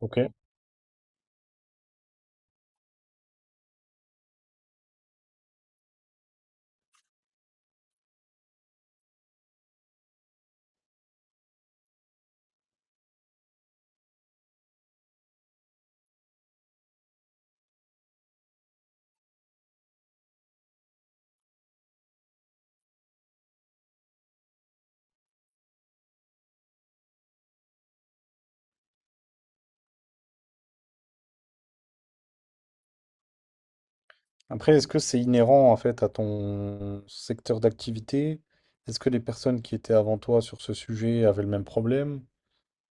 Ok. Après, est-ce que c'est inhérent en fait à ton secteur d'activité? Est-ce que les personnes qui étaient avant toi sur ce sujet avaient le même problème?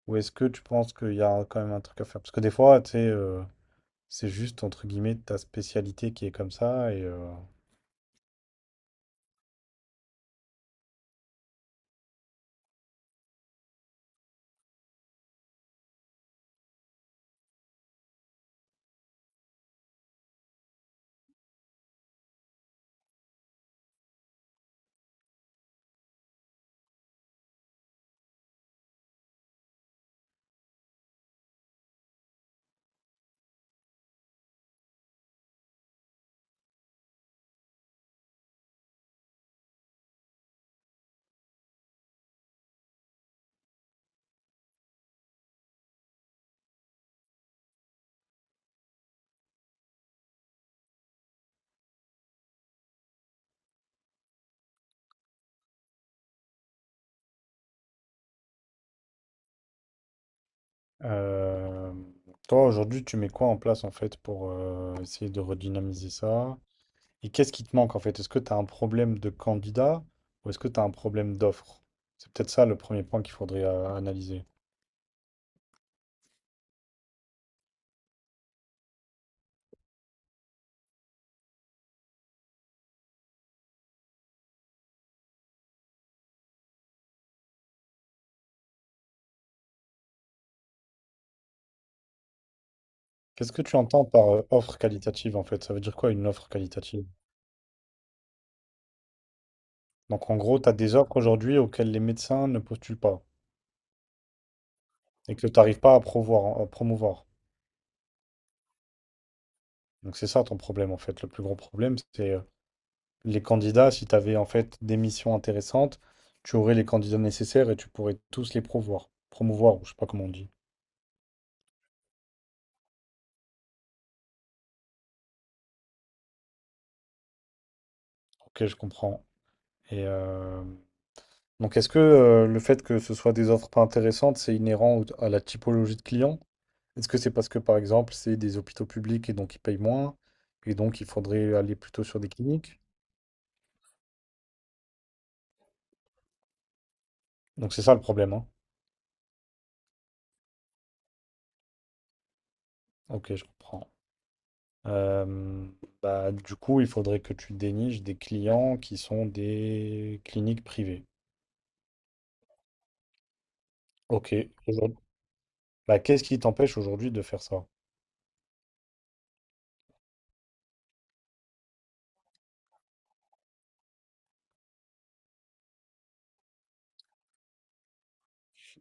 Ou est-ce que tu penses qu'il y a quand même un truc à faire? Parce que des fois, tu sais, c'est juste entre guillemets ta spécialité qui est comme ça. Et euh, toi, aujourd'hui, tu mets quoi en place en fait pour essayer de redynamiser ça? Et qu'est-ce qui te manque en fait? Est-ce que tu as un problème de candidat ou est-ce que tu as un problème d'offre? C'est peut-être ça le premier point qu'il faudrait analyser. Qu'est-ce que tu entends par offre qualitative en fait? Ça veut dire quoi une offre qualitative? Donc en gros, tu as des offres aujourd'hui auxquelles les médecins ne postulent pas et que tu n'arrives pas à promouvoir, à promouvoir. Donc c'est ça ton problème en fait. Le plus gros problème, c'est les candidats, si tu avais en fait des missions intéressantes, tu aurais les candidats nécessaires et tu pourrais tous les promouvoir. Promouvoir, ou je sais pas comment on dit. Ok, je comprends. Et euh, donc, est-ce que le fait que ce soit des offres pas intéressantes, c'est inhérent à la typologie de clients? Est-ce que c'est parce que, par exemple, c'est des hôpitaux publics et donc ils payent moins et donc il faudrait aller plutôt sur des cliniques? Donc, c'est ça le problème, hein. Ok, je comprends. Euh, Bah, du coup, il faudrait que tu déniches des clients qui sont des cliniques privées. Ok. Aujourd- Bah, qu'est-ce qui t'empêche aujourd'hui de faire ça?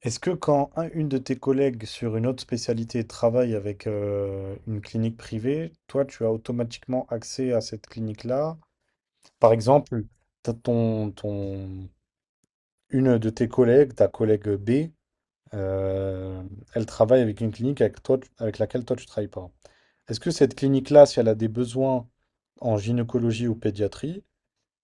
Est-ce que quand une de tes collègues sur une autre spécialité travaille avec une clinique privée, toi, tu as automatiquement accès à cette clinique-là? Par exemple, t'as ton, ton, une de tes collègues, ta collègue B, euh, elle travaille avec une clinique avec toi, avec laquelle toi, tu ne travailles pas. Est-ce que cette clinique-là, si elle a des besoins en gynécologie ou pédiatrie,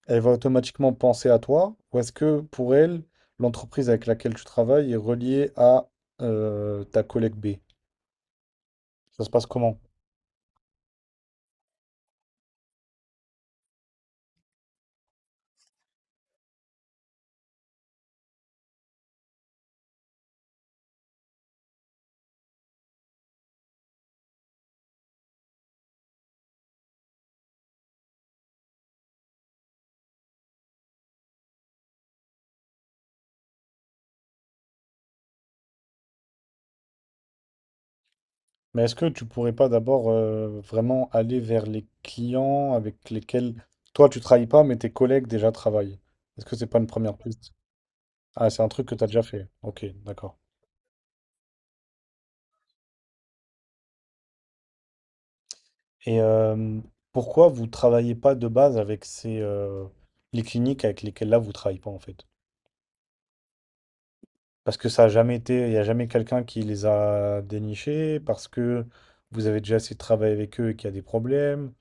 elle va automatiquement penser à toi, ou est-ce que pour elle, l'entreprise avec laquelle tu travailles est reliée à ta collègue B? Ça se passe comment? Mais est-ce que tu pourrais pas d'abord vraiment aller vers les clients avec lesquels toi tu travailles pas, mais tes collègues déjà travaillent? Est-ce que c'est pas une première piste? Ah, c'est un truc que tu as déjà fait. Ok, d'accord. Et pourquoi vous travaillez pas de base avec ces les cliniques avec lesquelles là vous travaillez pas en fait? Parce que ça a jamais été, il n'y a jamais quelqu'un qui les a dénichés, parce que vous avez déjà essayé de travailler avec eux et qu'il y a des problèmes,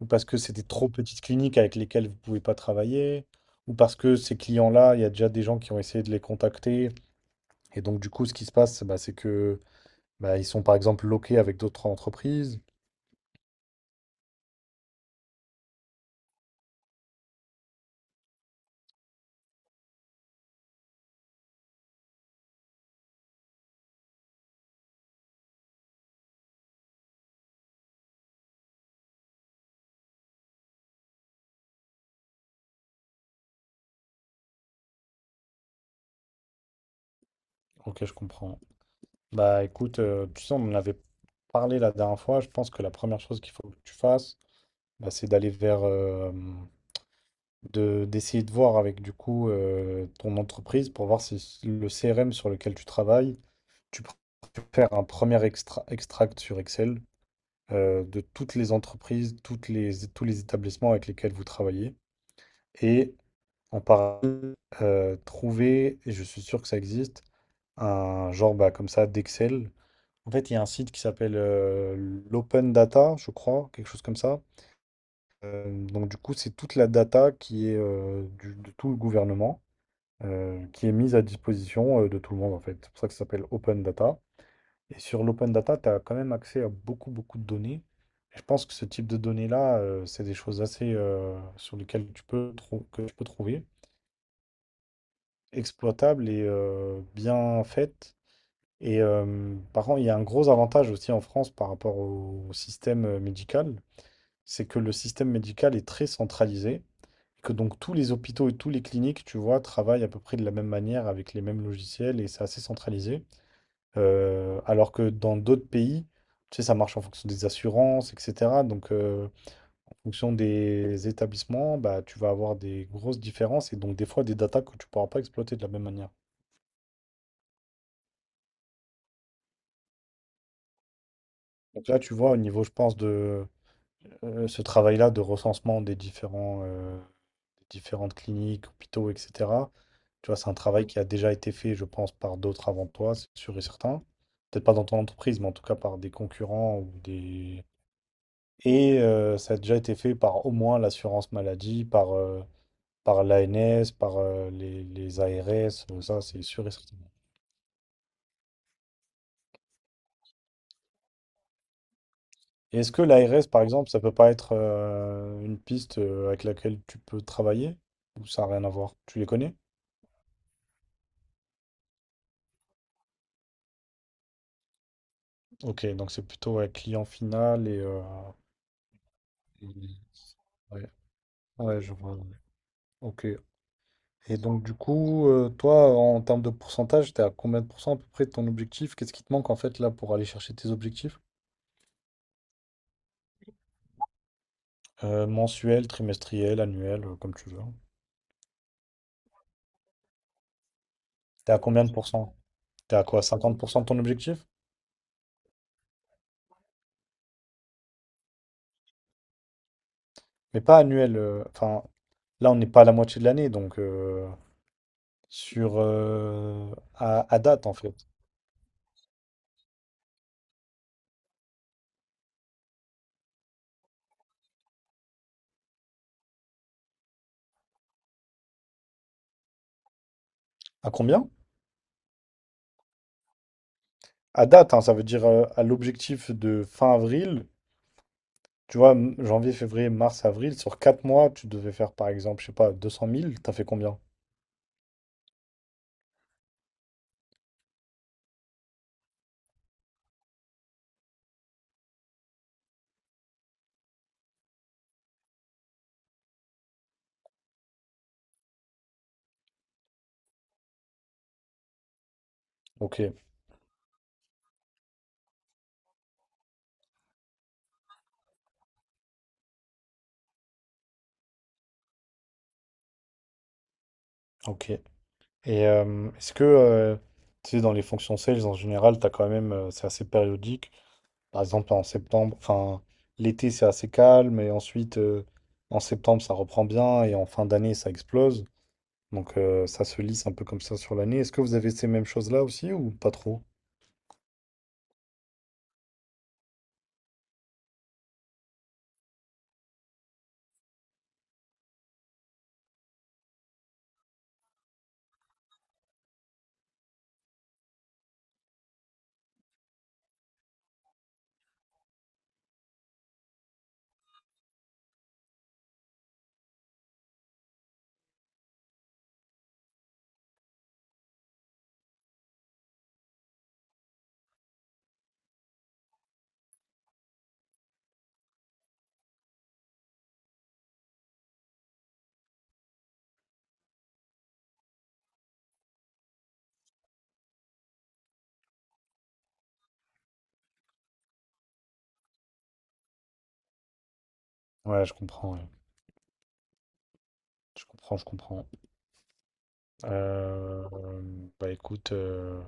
ou parce que c'est des trop petites cliniques avec lesquelles vous ne pouvez pas travailler, ou parce que ces clients-là, il y a déjà des gens qui ont essayé de les contacter. Et donc, du coup, ce qui se passe, bah, c'est que bah, ils sont par exemple loqués avec d'autres entreprises. Ok, je comprends. Bah écoute, tu sais, on en avait parlé la dernière fois. Je pense que la première chose qu'il faut que tu fasses, bah, c'est d'aller vers, de d'essayer de voir avec du coup ton entreprise pour voir si le CRM sur lequel tu travailles, tu pr- tu peux faire un premier extract sur Excel de toutes les entreprises, tous les établissements avec lesquels vous travaillez et en parallèle trouver, et je suis sûr que ça existe, un genre bah, comme ça d'Excel. En fait, il y a un site qui s'appelle l'Open Data, je crois, quelque chose comme ça. Donc du coup, c'est toute la data qui est de tout le gouvernement, qui est mise à disposition de tout le monde en fait. C'est pour ça que ça s'appelle Open Data. Et sur l'Open Data, tu as quand même accès à beaucoup, beaucoup de données. Et je pense que ce type de données-là, c'est des choses assez sur lesquelles tu peux, que tu peux trouver, exploitables et bien faites. Et par contre, il y a un gros avantage aussi en France par rapport au système médical, c'est que le système médical est très centralisé, que donc tous les hôpitaux et tous les cliniques, tu vois, travaillent à peu près de la même manière avec les mêmes logiciels et c'est assez centralisé. Alors que dans d'autres pays, tu sais, ça marche en fonction des assurances, etc. Donc, en fonction des établissements, bah, tu vas avoir des grosses différences et donc des fois des datas que tu pourras pas exploiter de la même manière. Donc là, tu vois, au niveau, je pense, de ce travail-là de recensement des des différentes cliniques, hôpitaux, etc. Tu vois, c'est un travail qui a déjà été fait, je pense, par d'autres avant toi, c'est sûr et certain. Peut-être pas dans ton entreprise, mais en tout cas par des concurrents ou des... Et ça a déjà été fait par au moins l'assurance maladie, par l'ANS, par les ARS, ça c'est sûr et certain. Et est-ce que l'ARS, par exemple, ça peut pas être une piste avec laquelle tu peux travailler? Ou ça n'a rien à voir? Tu les connais? Ok, donc c'est plutôt ouais, client final et... Mhm. Ouais, ouais, je vois. Ouais. Ok. Et donc, du coup, toi, en termes de pourcentage, t'es à combien de pourcents à peu près de ton objectif? Qu'est-ce qui te manque en fait là pour aller chercher tes objectifs? Mensuel, trimestriel, annuel, comme tu veux. T'es à combien de pourcents? T'es à quoi? 50% de ton objectif? Mais pas annuel, enfin, là, on n'est pas à la moitié de l'année, donc sur à date en fait. À combien? À date, hein, ça veut dire à l'objectif de fin avril, tu vois, janvier, février, mars, avril, sur 4 mois, tu devais faire par exemple, je sais pas, 200 000. T'as fait combien? Ok, ok. Et est-ce que, tu sais, dans les fonctions sales en général, t'as quand même, c'est assez périodique. Par exemple, en septembre, enfin, l'été, c'est assez calme, et ensuite, en septembre, ça reprend bien, et en fin d'année, ça explose. Donc, ça se lisse un peu comme ça sur l'année. Est-ce que vous avez ces mêmes choses-là aussi, ou pas trop? Ouais. Je comprends, je comprends. Euh, Bah écoute,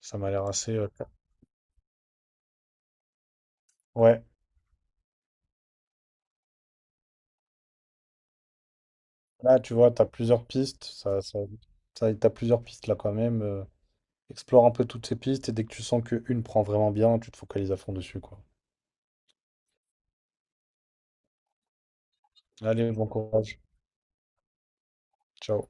ça m'a l'air assez... ouais, là, tu vois, t'as plusieurs pistes, t'as plusieurs pistes là quand même. Explore un peu toutes ces pistes, et dès que tu sens qu'une prend vraiment bien, tu te focalises à fond dessus, quoi. Allez, bon courage. Ciao.